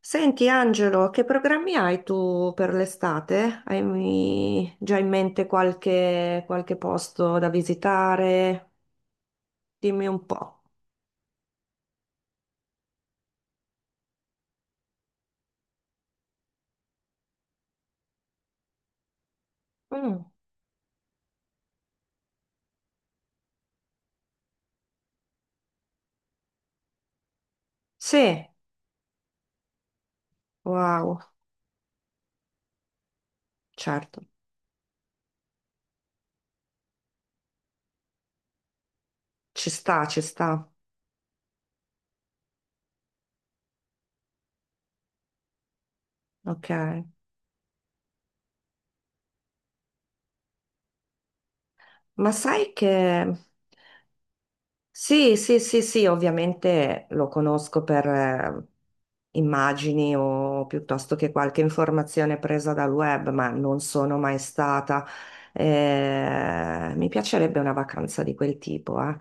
Senti Angelo, che programmi hai tu per l'estate? Hai già in mente qualche posto da visitare? Dimmi un po'. Mm. Sì. Wow. Certo. Ci sta, ci sta. Ok, ma sai che. Sì, sì, sì, sì, ovviamente lo conosco per immagini o piuttosto che qualche informazione presa dal web, ma non sono mai stata. Mi piacerebbe una vacanza di quel tipo, eh.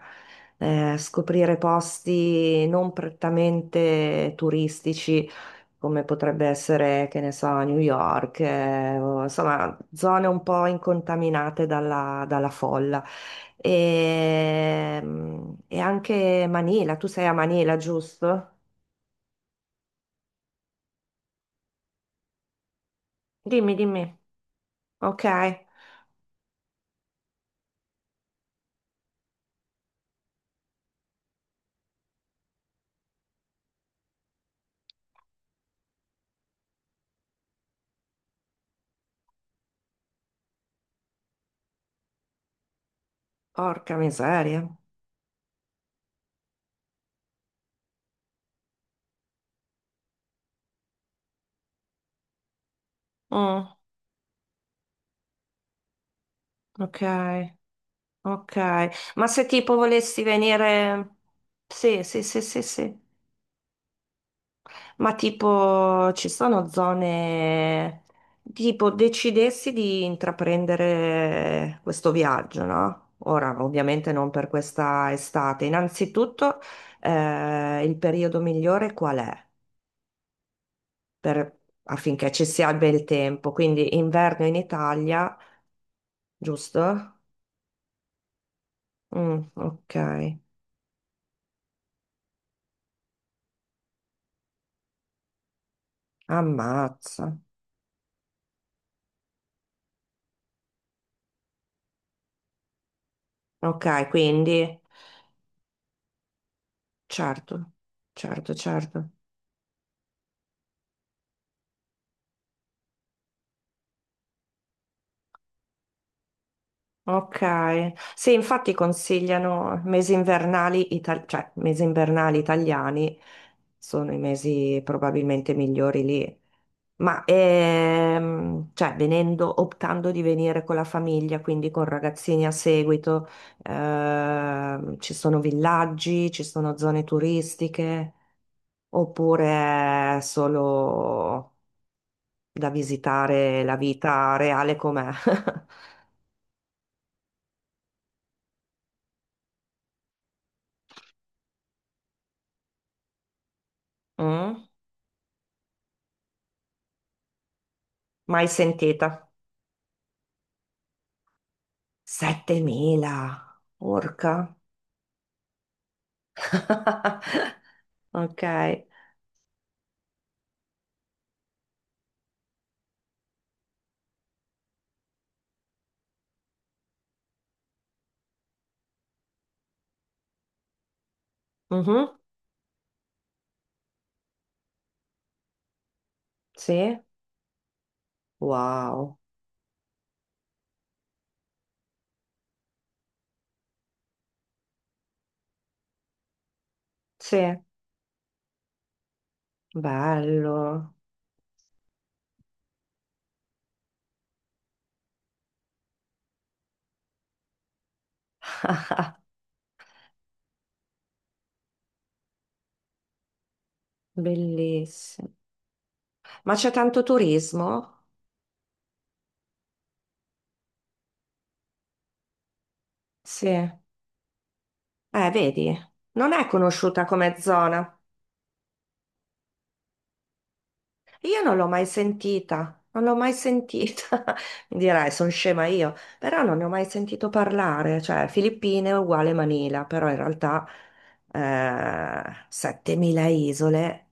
Scoprire posti non prettamente turistici come potrebbe essere, che ne so, New York, insomma, zone un po' incontaminate dalla folla. E, e anche Manila, tu sei a Manila, giusto? Dimmi, dimmi. Ok, porca miseria. Mm, ok, ok. Ma se tipo volessi venire. Sì, sì, sì, sì, sì. Ma tipo, ci sono zone, tipo, decidessi di intraprendere questo viaggio, no? Ora, ovviamente non per questa estate. Innanzitutto, il periodo migliore qual è? Per- affinché ci sia il bel tempo. Quindi inverno in Italia, giusto? Mm, ok. Ammazza. Ok, quindi, certo, certo, certo. Ok, sì, infatti consigliano mesi invernali, cioè mesi invernali italiani sono i mesi probabilmente migliori lì. Ma cioè, venendo, optando di venire con la famiglia, quindi con ragazzini a seguito, ci sono villaggi, ci sono zone turistiche, oppure è solo da visitare la vita reale com'è? Mm? Mai sentita? 7.000, orca. Ok. Mhm. Sì. Wow. Sì. Bello. Bellissimo. Ma c'è tanto turismo? Sì. Vedi, non è conosciuta come zona. Io non l'ho mai sentita, non l'ho mai sentita. Mi dirai, sono scema io, però non ne ho mai sentito parlare. Cioè, Filippine è uguale Manila, però in realtà 7.000 isole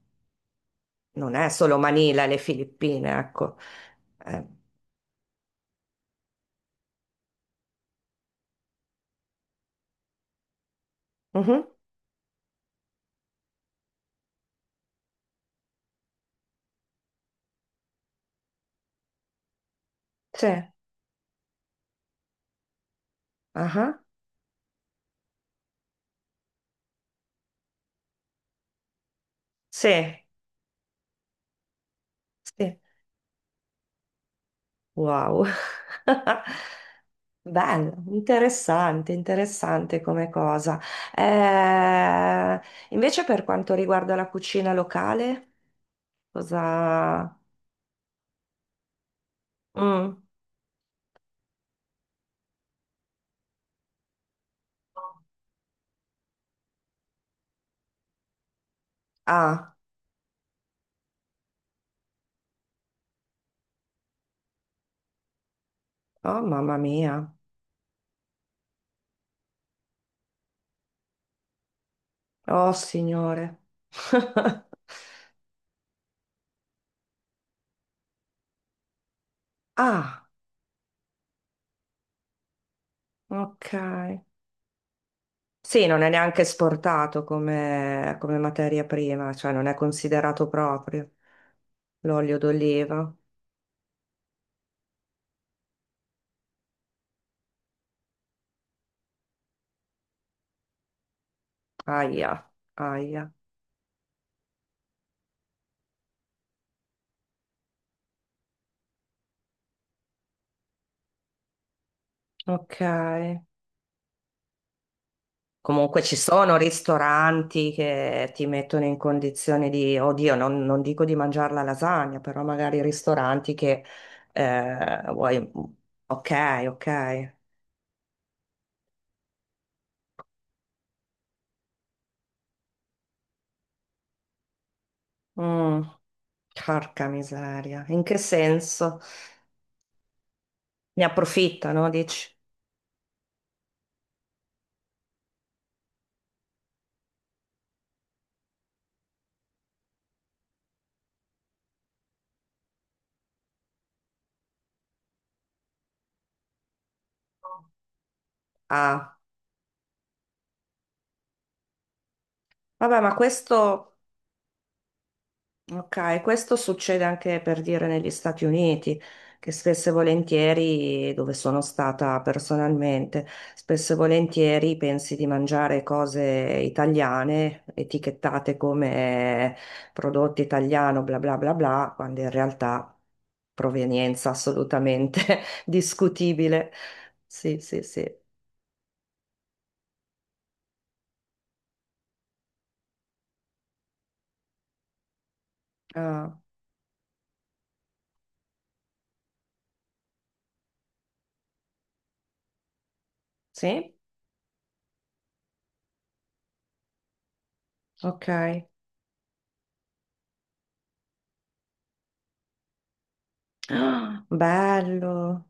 non è solo Manila e le Filippine, ecco. Eh, mhm, sì, aha, sì, sì. Wow. Bello, interessante, interessante come cosa. Eh, invece per quanto riguarda la cucina locale, cosa. Mm. Ah, oh mamma mia, oh signore. Ah, ok. Sì, non è neanche esportato come materia prima, cioè non è considerato proprio l'olio d'oliva. Aia, aia. Ok. Comunque ci sono ristoranti che ti mettono in condizione di, oddio, non dico di mangiare la lasagna, però magari ristoranti che vuoi. Ok, ok. Mm, porca miseria. In che senso? Ne approfittano, dici? Ah, vabbè, ma questo. Ok, questo succede anche per dire negli Stati Uniti, che spesso e volentieri, dove sono stata personalmente, spesso e volentieri pensi di mangiare cose italiane, etichettate come prodotto italiano, bla bla bla bla, quando in realtà provenienza assolutamente discutibile. Sì, sì, sì. Ah, sì? Ok. Ah, bello.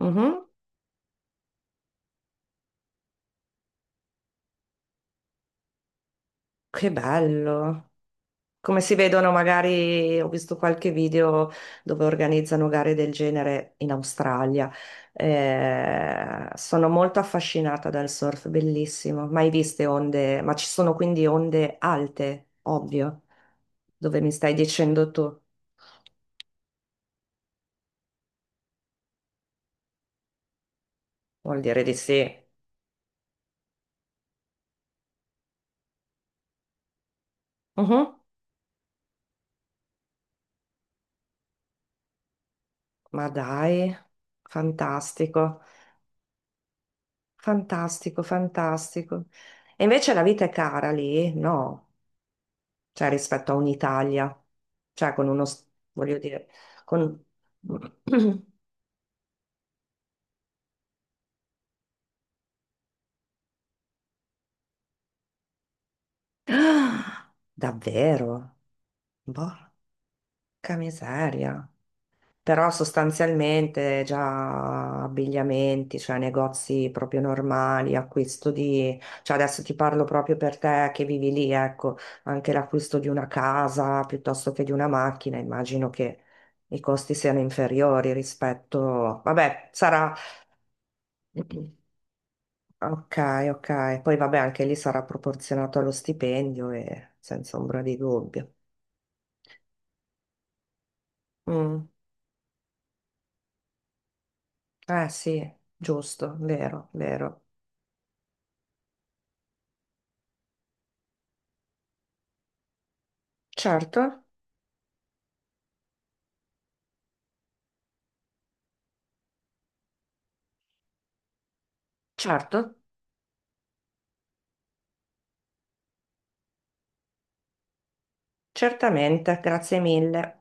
Mhm. Che bello. Come si vedono, magari ho visto qualche video dove organizzano gare del genere in Australia. Sono molto affascinata dal surf, bellissimo. Mai viste onde, ma ci sono quindi onde alte, ovvio, dove mi stai dicendo tu. Vuol dire di sì. Mhm. Ma dai, fantastico, fantastico, fantastico. E invece la vita è cara lì? No, cioè rispetto a un'Italia, cioè con uno, voglio dire, con. Ah, davvero? Porca miseria. Però sostanzialmente già abbigliamenti, cioè negozi proprio normali, acquisto di, cioè adesso ti parlo proprio per te che vivi lì, ecco, anche l'acquisto di una casa piuttosto che di una macchina, immagino che i costi siano inferiori rispetto. Vabbè, sarà. Ok, ok. Poi vabbè, anche lì sarà proporzionato allo stipendio e senza ombra di dubbio. Mm, eh sì, giusto, vero, vero. Certo, certo, certamente, grazie mille.